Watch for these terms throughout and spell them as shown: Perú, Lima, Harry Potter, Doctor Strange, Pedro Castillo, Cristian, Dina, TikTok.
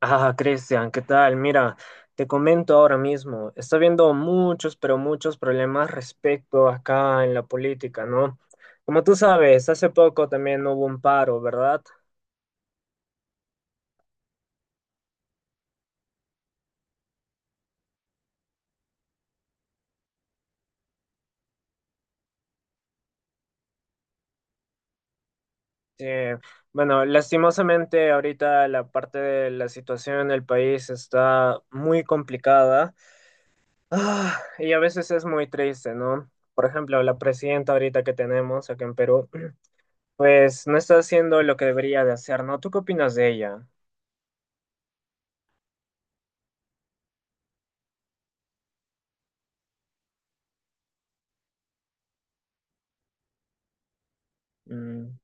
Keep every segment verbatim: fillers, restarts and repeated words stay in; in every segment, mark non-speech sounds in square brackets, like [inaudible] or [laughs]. Ah, Cristian, ¿qué tal? Mira, te comento ahora mismo, está habiendo muchos, pero muchos problemas respecto acá en la política, ¿no? Como tú sabes, hace poco también hubo un paro, ¿verdad? Eh, bueno, lastimosamente ahorita la parte de la situación en el país está muy complicada. Ah, y a veces es muy triste, ¿no? Por ejemplo, la presidenta ahorita que tenemos acá en Perú, [clears throat] pues no está haciendo lo que debería de hacer, ¿no? ¿Tú qué opinas de ella? Mm.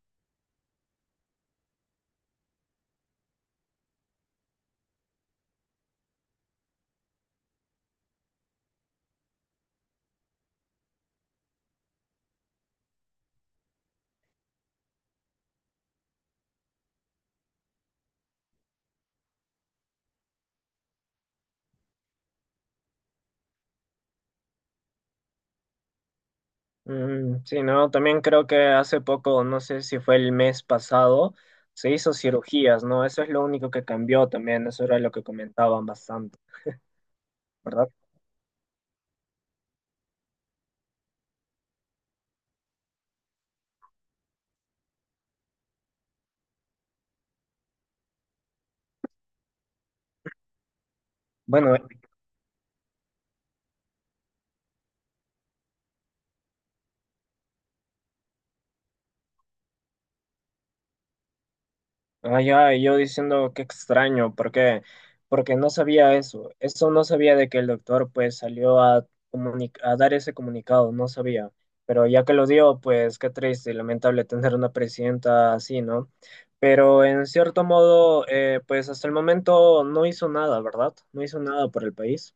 Mm, sí, no, también creo que hace poco, no sé si fue el mes pasado, se hizo cirugías, ¿no? Eso es lo único que cambió también, eso era lo que comentaban bastante, ¿verdad? Bueno, ay, ay, yo diciendo qué extraño, ¿por qué? Porque no sabía eso. Eso no sabía de que el doctor pues salió a, comuni- a dar ese comunicado, no sabía. Pero ya que lo dio, pues qué triste y lamentable tener una presidenta así, ¿no? Pero en cierto modo, eh, pues hasta el momento no hizo nada, ¿verdad? No hizo nada por el país.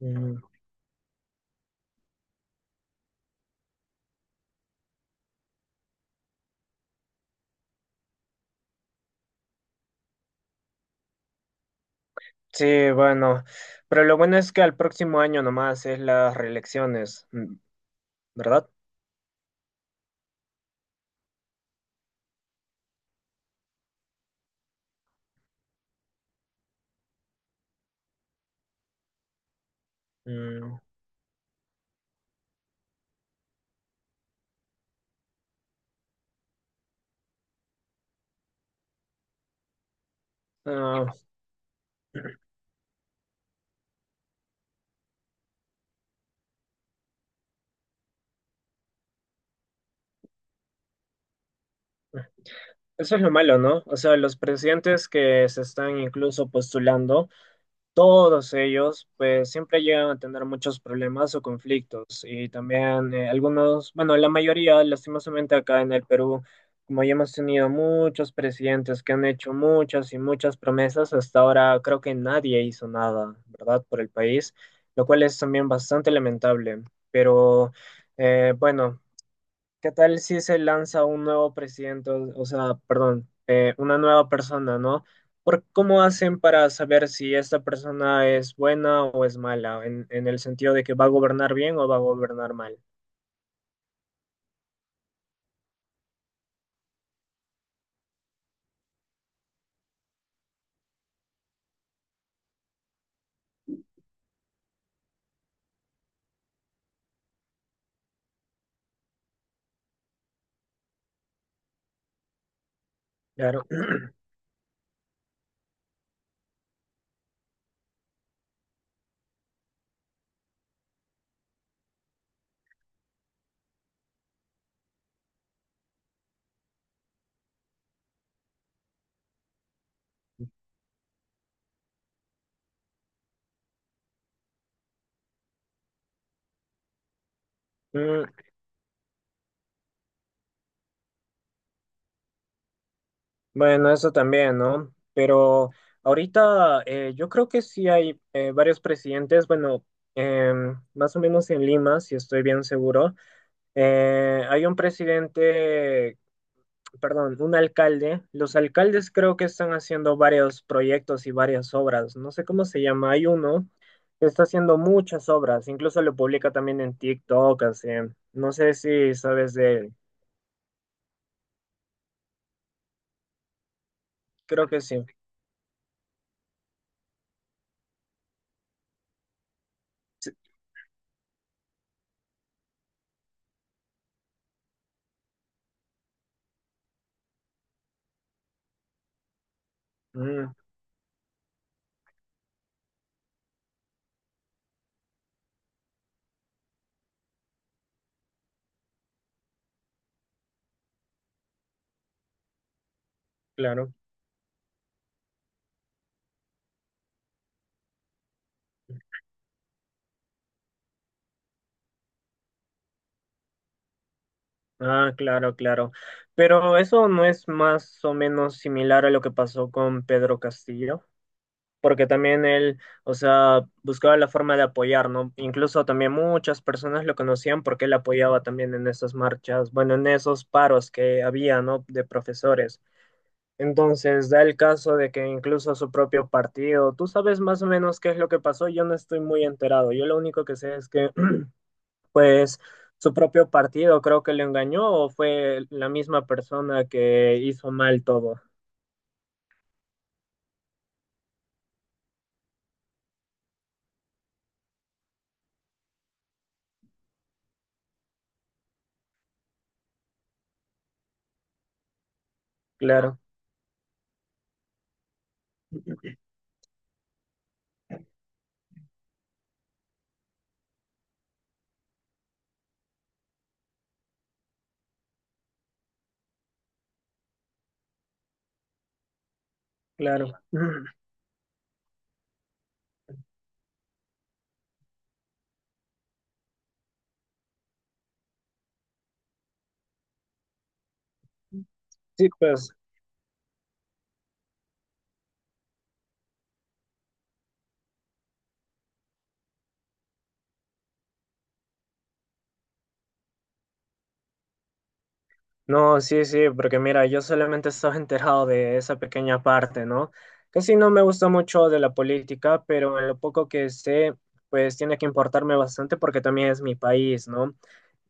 Mm, sí, bueno. Pero lo bueno es que al próximo año nomás es las reelecciones, mm, ¿verdad? Mm, ah, eso es lo malo, ¿no? O sea, los presidentes que se están incluso postulando, todos ellos, pues siempre llegan a tener muchos problemas o conflictos. Y también eh, algunos, bueno, la mayoría, lastimosamente acá en el Perú, como ya hemos tenido muchos presidentes que han hecho muchas y muchas promesas, hasta ahora creo que nadie hizo nada, ¿verdad? Por el país, lo cual es también bastante lamentable. Pero eh, bueno. ¿Qué tal si se lanza un nuevo presidente, o o sea, perdón, eh, una nueva persona, ¿no? ¿Por cómo hacen para saber si esta persona es buena o es mala, en, en el sentido de que va a gobernar bien o va a gobernar mal? Claro. [clears throat] Mm, bueno, eso también, ¿no? Pero ahorita eh, yo creo que sí hay eh, varios presidentes, bueno, em, más o menos en Lima, si estoy bien seguro. Eh, hay un presidente, perdón, un alcalde. Los alcaldes creo que están haciendo varios proyectos y varias obras. No sé cómo se llama. Hay uno que está haciendo muchas obras. Incluso lo publica también en TikTok, así. No sé si sabes de él. Creo que sí. Mm, claro. Ah, claro, claro. Pero eso no es más o menos similar a lo que pasó con Pedro Castillo. Porque también él, o sea, buscaba la forma de apoyar, ¿no? Incluso también muchas personas lo conocían porque él apoyaba también en esas marchas, bueno, en esos paros que había, ¿no? De profesores. Entonces, da el caso de que incluso su propio partido, tú sabes más o menos qué es lo que pasó, yo no estoy muy enterado, yo lo único que sé es que, [clears throat] pues, su propio partido creo que le engañó o fue la misma persona que hizo mal todo. Claro, claro. [clears throat] Sí, pues. No, sí, sí, porque mira, yo solamente estaba [laughs] enterado de esa pequeña parte, ¿no? Casi no me gusta mucho de la política, pero en lo poco que sé, pues tiene que importarme bastante porque también es mi país, ¿no?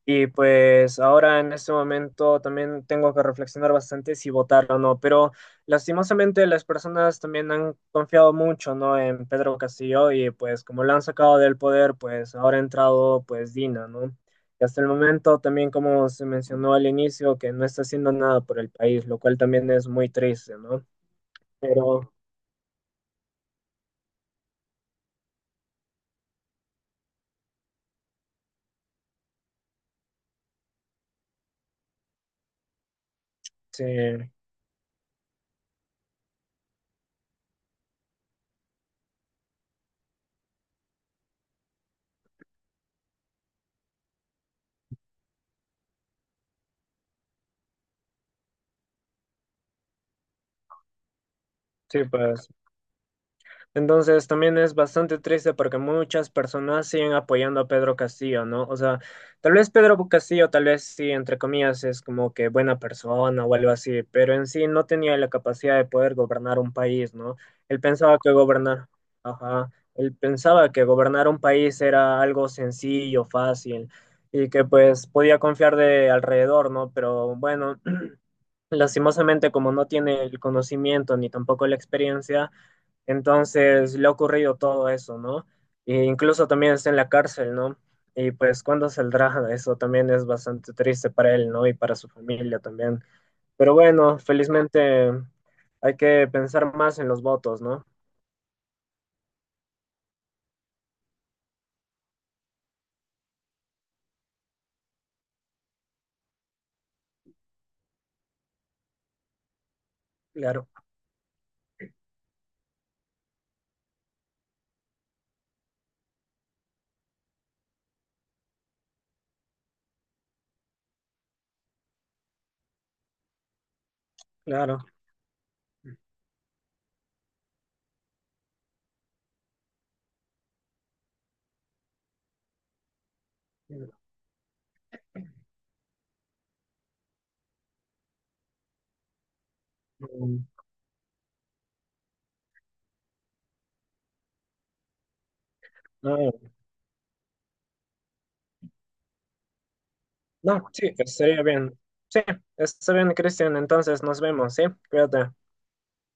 Y pues ahora en este momento también tengo que reflexionar bastante si votar o no, pero lastimosamente las personas también han confiado mucho, ¿no? En Pedro Castillo, y pues como lo han sacado del poder, pues ahora ha entrado pues Dina, ¿no? Y hasta el momento también como se mencionó al inicio que no está haciendo nada por el país, lo cual también es muy triste, ¿no? Pero sí, sí, pues entonces también es bastante triste porque muchas personas siguen apoyando a Pedro Castillo, ¿no? O sea, tal vez Pedro Castillo, tal vez sí, entre comillas, es como que buena persona o algo así, pero en sí no tenía la capacidad de poder gobernar un país, ¿no? Él pensaba que gobernar, ajá, él pensaba que gobernar un país era algo sencillo, fácil, y que pues podía confiar de alrededor, ¿no? Pero bueno, [clears throat] lastimosamente como no tiene el conocimiento ni tampoco la experiencia, entonces le ha ocurrido todo eso, ¿no? E incluso también está en la cárcel, ¿no? Y pues cuándo saldrá, eso también es bastante triste para él, ¿no? Y para su familia también. Pero bueno, felizmente hay que pensar más en los votos, ¿no? Claro, claro. Mm, no, no, sí, estaría bien. Sí, está bien, Cristian. Entonces nos vemos, ¿sí? Cuídate.